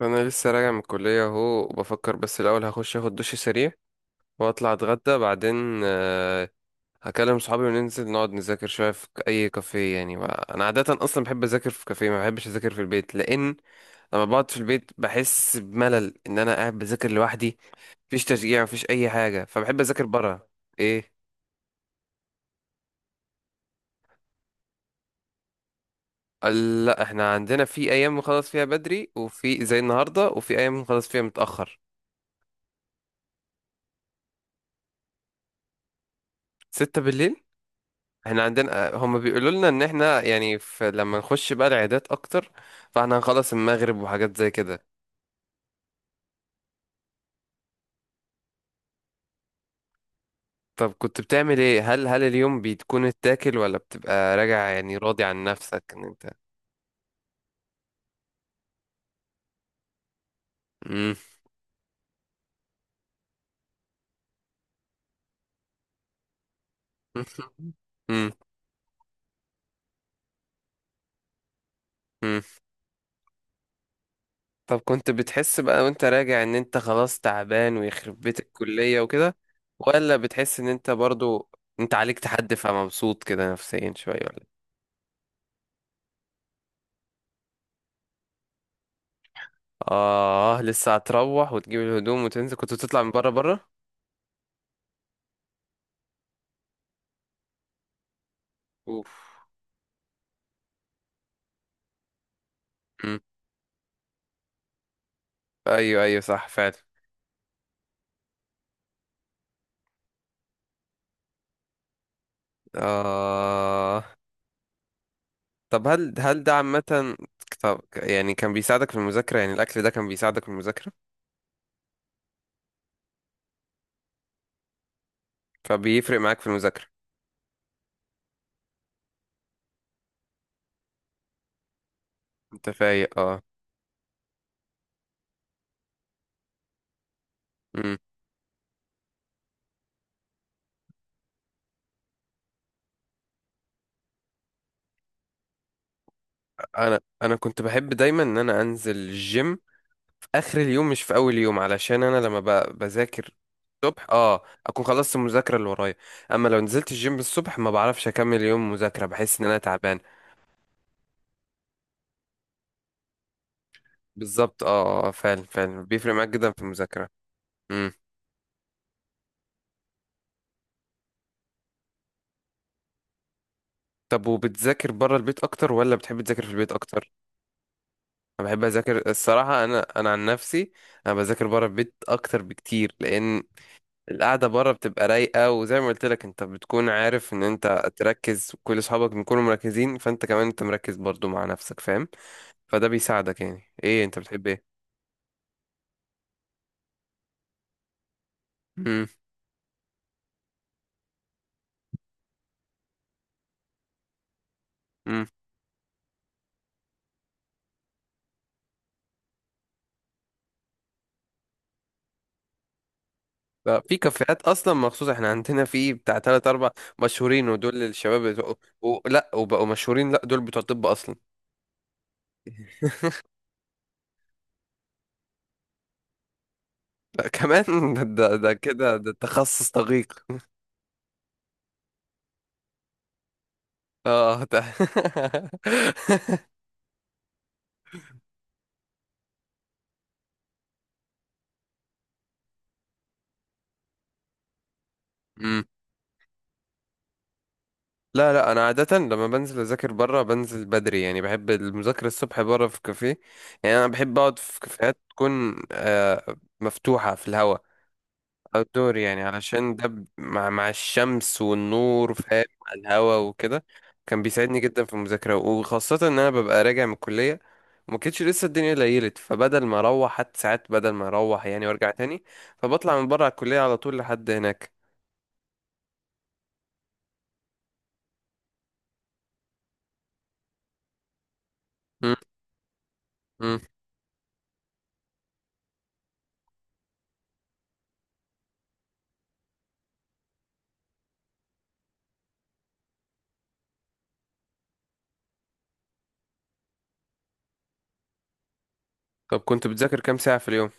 انا لسه راجع من الكليه اهو وبفكر، بس الاول هخش اخد دش سريع واطلع اتغدى بعدين. آه، هكلم صحابي وننزل نقعد نذاكر شويه في اي كافيه يعني بقى. انا عاده اصلا بحب اذاكر في كافيه، ما بحبش اذاكر في البيت لان لما بقعد في البيت بحس بملل ان انا قاعد بذاكر لوحدي. مفيش تشجيع، مفيش اي حاجه، فبحب اذاكر بره. ايه؟ قال لا، احنا عندنا في ايام نخلص فيها بدري، وفي زي النهارده، وفي ايام نخلص فيها متاخر. 6 بالليل؟ احنا عندنا هم بيقولوا لنا ان احنا يعني في لما نخش بقى العيادات اكتر، فاحنا هنخلص المغرب وحاجات زي كده. طب كنت بتعمل ايه؟ هل اليوم بتكون اتاكل ولا بتبقى راجع يعني راضي عن نفسك ان انت؟ مم. مم. مم. طب كنت بتحس بقى وانت راجع ان انت خلاص تعبان ويخرب بيت الكلية وكده؟ ولا بتحس ان انت برضو انت عليك تحدي فمبسوط كده نفسيا شوية ولا إيه؟ اه، لسه هتروح وتجيب الهدوم وتنزل، كنت بتطلع من بره بره؟ اوف. ايوه، ايوه، صح فعلا. آه. طب هل ده عامة؟ طب يعني كان بيساعدك في المذاكرة، يعني الأكل ده كان بيساعدك في المذاكرة، فبيفرق معاك في المذاكرة؟ انت فايق، اه. مم. انا كنت بحب دايما ان انا انزل الجيم في اخر اليوم مش في اول يوم، علشان انا لما بذاكر الصبح اكون خلصت المذاكرة اللي ورايا. اما لو نزلت الجيم الصبح ما بعرفش اكمل يوم مذاكرة، بحس ان انا تعبان. بالظبط، اه، آه، فعلا فعلا بيفرق معاك جدا في المذاكرة. امم. طب وبتذاكر بره البيت اكتر ولا بتحب تذاكر في البيت اكتر؟ انا بحب اذاكر الصراحه، انا عن نفسي انا بذاكر بره البيت اكتر بكتير، لان القعده بره بتبقى رايقه، وزي ما قلت لك انت بتكون عارف ان انت تركز، وكل اصحابك بيكونوا مركزين، فانت كمان انت مركز برضو مع نفسك، فاهم. فده بيساعدك، يعني ايه انت بتحب؟ ايه؟ امم، امم. في كافيهات اصلا مخصوص، احنا عندنا في بتاع تلات اربع مشهورين، ودول الشباب لا، وبقوا مشهورين؟ لا، دول بتوع طب اصلا. لا كمان. ده كده ده تخصص دقيق. اه، ده. مم. لا لا، انا عاده لما بنزل اذاكر بره بنزل بدري، يعني بحب المذاكره الصبح بره في كافيه. يعني انا بحب اقعد في كافيهات تكون مفتوحه في الهواء، outdoor، يعني علشان ده مع الشمس والنور، فاهم، مع الهوا وكده، كان بيساعدني جدا في المذاكرة، وخاصة ان انا ببقى راجع من الكلية. ما كانتش لسه الدنيا ليلت، فبدل ما اروح حتى ساعات، بدل ما اروح يعني وارجع تاني، فبطلع من بره على الكلية على طول لحد هناك. م- م. طب كنت بتذاكر كام ساعة في اليوم؟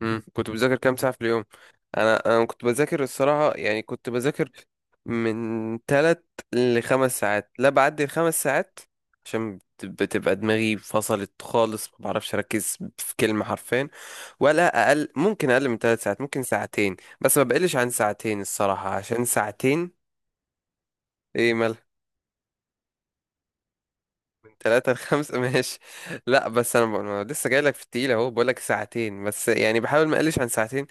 مم. كنت بذاكر كام ساعة في اليوم؟ انا كنت بذاكر الصراحة، يعني كنت بذاكر من 3 لـ5 ساعات، لا، بعدي الخمس ساعات، عشان بتبقى دماغي فصلت خالص، ما بعرفش اركز في كلمة حرفين. ولا اقل، ممكن اقل من 3 ساعات، ممكن ساعتين، بس ما بقلش عن ساعتين الصراحة، عشان ساعتين. ايه؟ 3 لـ5. ماشي. لا بس أنا لسه جاي لك في التقيل اهو، بقول لك ساعتين بس، يعني بحاول ما اقلش عن ساعتين،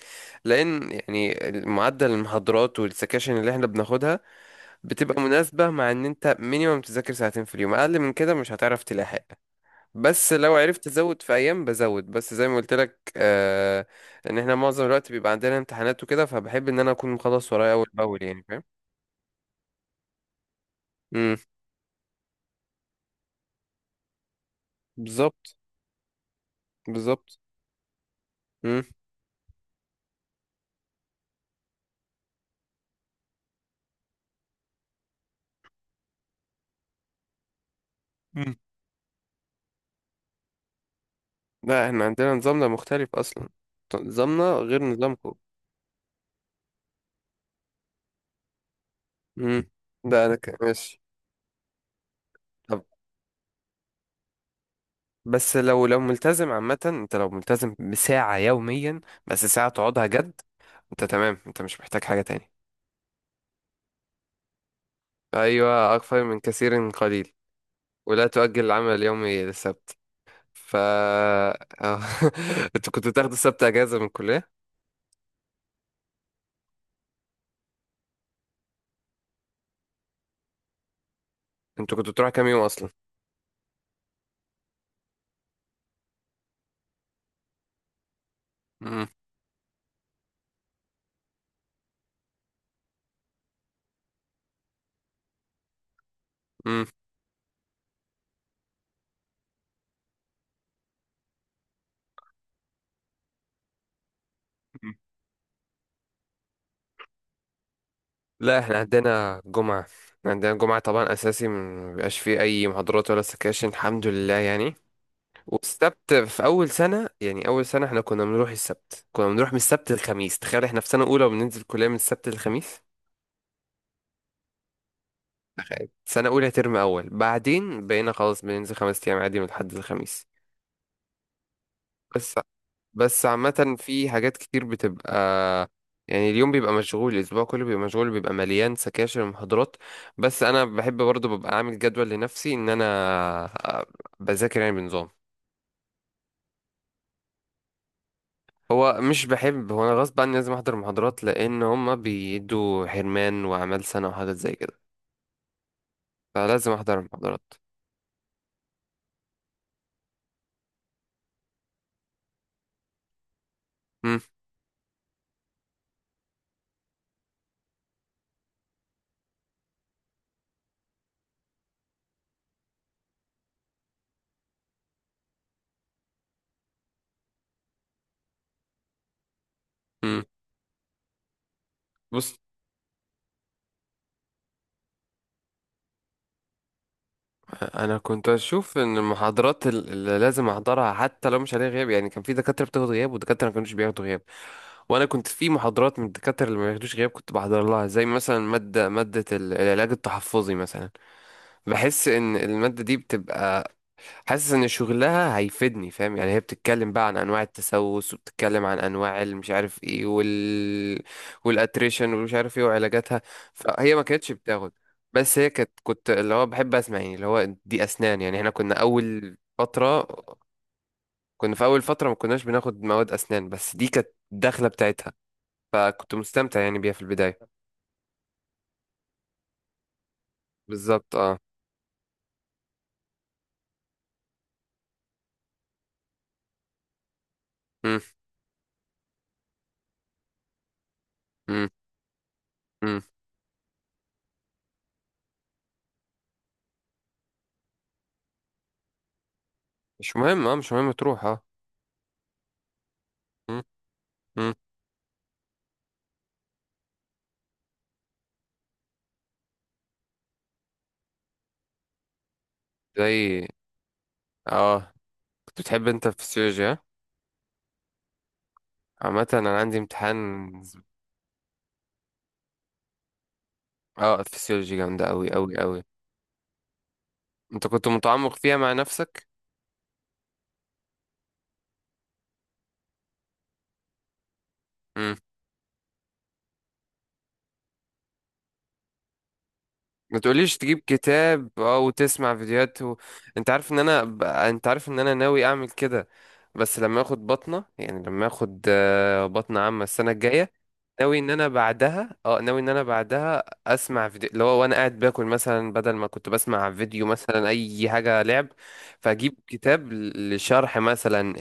لان يعني معدل المحاضرات والسكاشن اللي احنا بناخدها بتبقى مناسبة، مع ان انت مينيمم تذاكر ساعتين في اليوم، اقل من كده مش هتعرف تلاحق. بس لو عرفت تزود في ايام بزود، بس زي ما قلت لك، آه، ان احنا معظم الوقت بيبقى عندنا امتحانات وكده، فبحب ان انا اكون مخلص ورايا اول باول يعني، فاهم. امم. بالظبط، بالظبط. امم. لا، احنا عندنا نظامنا مختلف اصلا، نظامنا غير نظامكم. امم. ده انا ماشي. طب بس لو ملتزم عامة، انت لو ملتزم بساعة يوميا، بس ساعة تقعدها جد، انت تمام، انت مش محتاج حاجة تاني. ايوه، اكثر من كثير قليل. ولا تؤجل العمل اليومي للسبت. ف أه. انتوا كنتوا بتاخدوا السبت اجازة من الكلية؟ انتوا كنتوا بتروحوا كام يوم اصلا؟ امم. لا، احنا عندنا جمعة. إحنا عندنا جمعة طبعا أساسي، ما بيبقاش فيه أي محاضرات ولا سكاشن، الحمد لله يعني. والسبت في أول سنة، يعني أول سنة احنا كنا بنروح السبت، كنا بنروح من السبت للخميس، تخيل احنا في سنة أولى وبننزل كلية من السبت للخميس. تخيل سنة أولى ترم أول، بعدين بقينا خلاص بننزل 5 أيام عادي من الحد للخميس. بس عامة في حاجات كتير بتبقى، يعني اليوم بيبقى مشغول، الأسبوع كله بيبقى مشغول، بيبقى مليان سكاشن ومحاضرات. بس أنا بحب برضه ببقى عامل جدول لنفسي إن أنا بذاكر يعني بنظام. هو مش بحب، هو أنا غصب عني لازم أحضر محاضرات، لأن هما بيدوا حرمان وأعمال سنة وحاجات زي كده، فلازم أحضر المحاضرات. مم، مم. بص، انا كنت اشوف ان المحاضرات اللي لازم احضرها حتى لو مش عليها غياب، يعني كان في دكاتره بتاخد غياب ودكاتره ما كانوش بياخدوا غياب. وانا كنت في محاضرات من الدكاتره اللي ما بياخدوش غياب كنت بحضر لها، زي مثلا ماده العلاج التحفظي مثلا. بحس ان الماده دي بتبقى، حاسس ان شغلها هيفيدني، فاهم؟ يعني هي بتتكلم بقى عن انواع التسوس، وبتتكلم عن انواع المش عارف ايه والاتريشن ومش عارف ايه وعلاجاتها. فهي ما كانتش بتاخد، بس هي كانت كنت اللي هو بحب اسمع، يعني اللي هو دي اسنان، يعني احنا كنا اول فترة، كنا في اول فترة ما كناش بناخد مواد اسنان، بس دي كانت الدخلة بتاعتها، فكنت مستمتع يعني بيها في البداية. بالظبط، اه. مم، مم، مم. مش مهم، اه، مش مهم تروح، اه. مم، مم. زي، اه. كنت بتحب انت الفسيولوجي، ها؟ عامة انا عندي امتحان. اه، فسيولوجي جامدة اوي اوي اوي. انت كنت متعمق فيها مع نفسك؟ امم. ما تقوليش تجيب كتاب وتسمع فيديوهات. انت عارف ان انا ناوي اعمل كده، بس لما اخد بطنة، يعني لما اخد بطنة، عامة السنة الجاية. ناوي ان انا بعدها اسمع فيديو، اللي هو وانا قاعد باكل مثلا، بدل ما كنت بسمع فيديو مثلا اي حاجة لعب، فاجيب كتاب لشرح مثلا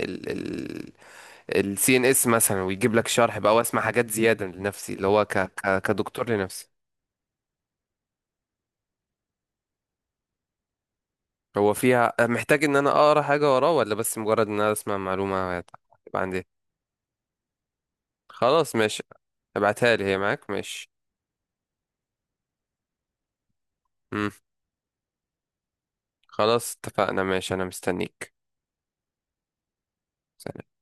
الـCNS مثلا، ويجيب لك شرح بقى، واسمع حاجات زياده لنفسي، اللي هو كدكتور لنفسي. هو فيها محتاج ان انا اقرا حاجه وراه، ولا بس مجرد ان انا اسمع معلومه تبقى عندي؟ خلاص، ماشي. ابعتها لي، هي معاك؟ ماشي. امم. خلاص، اتفقنا ماشي، انا مستنيك. سلام.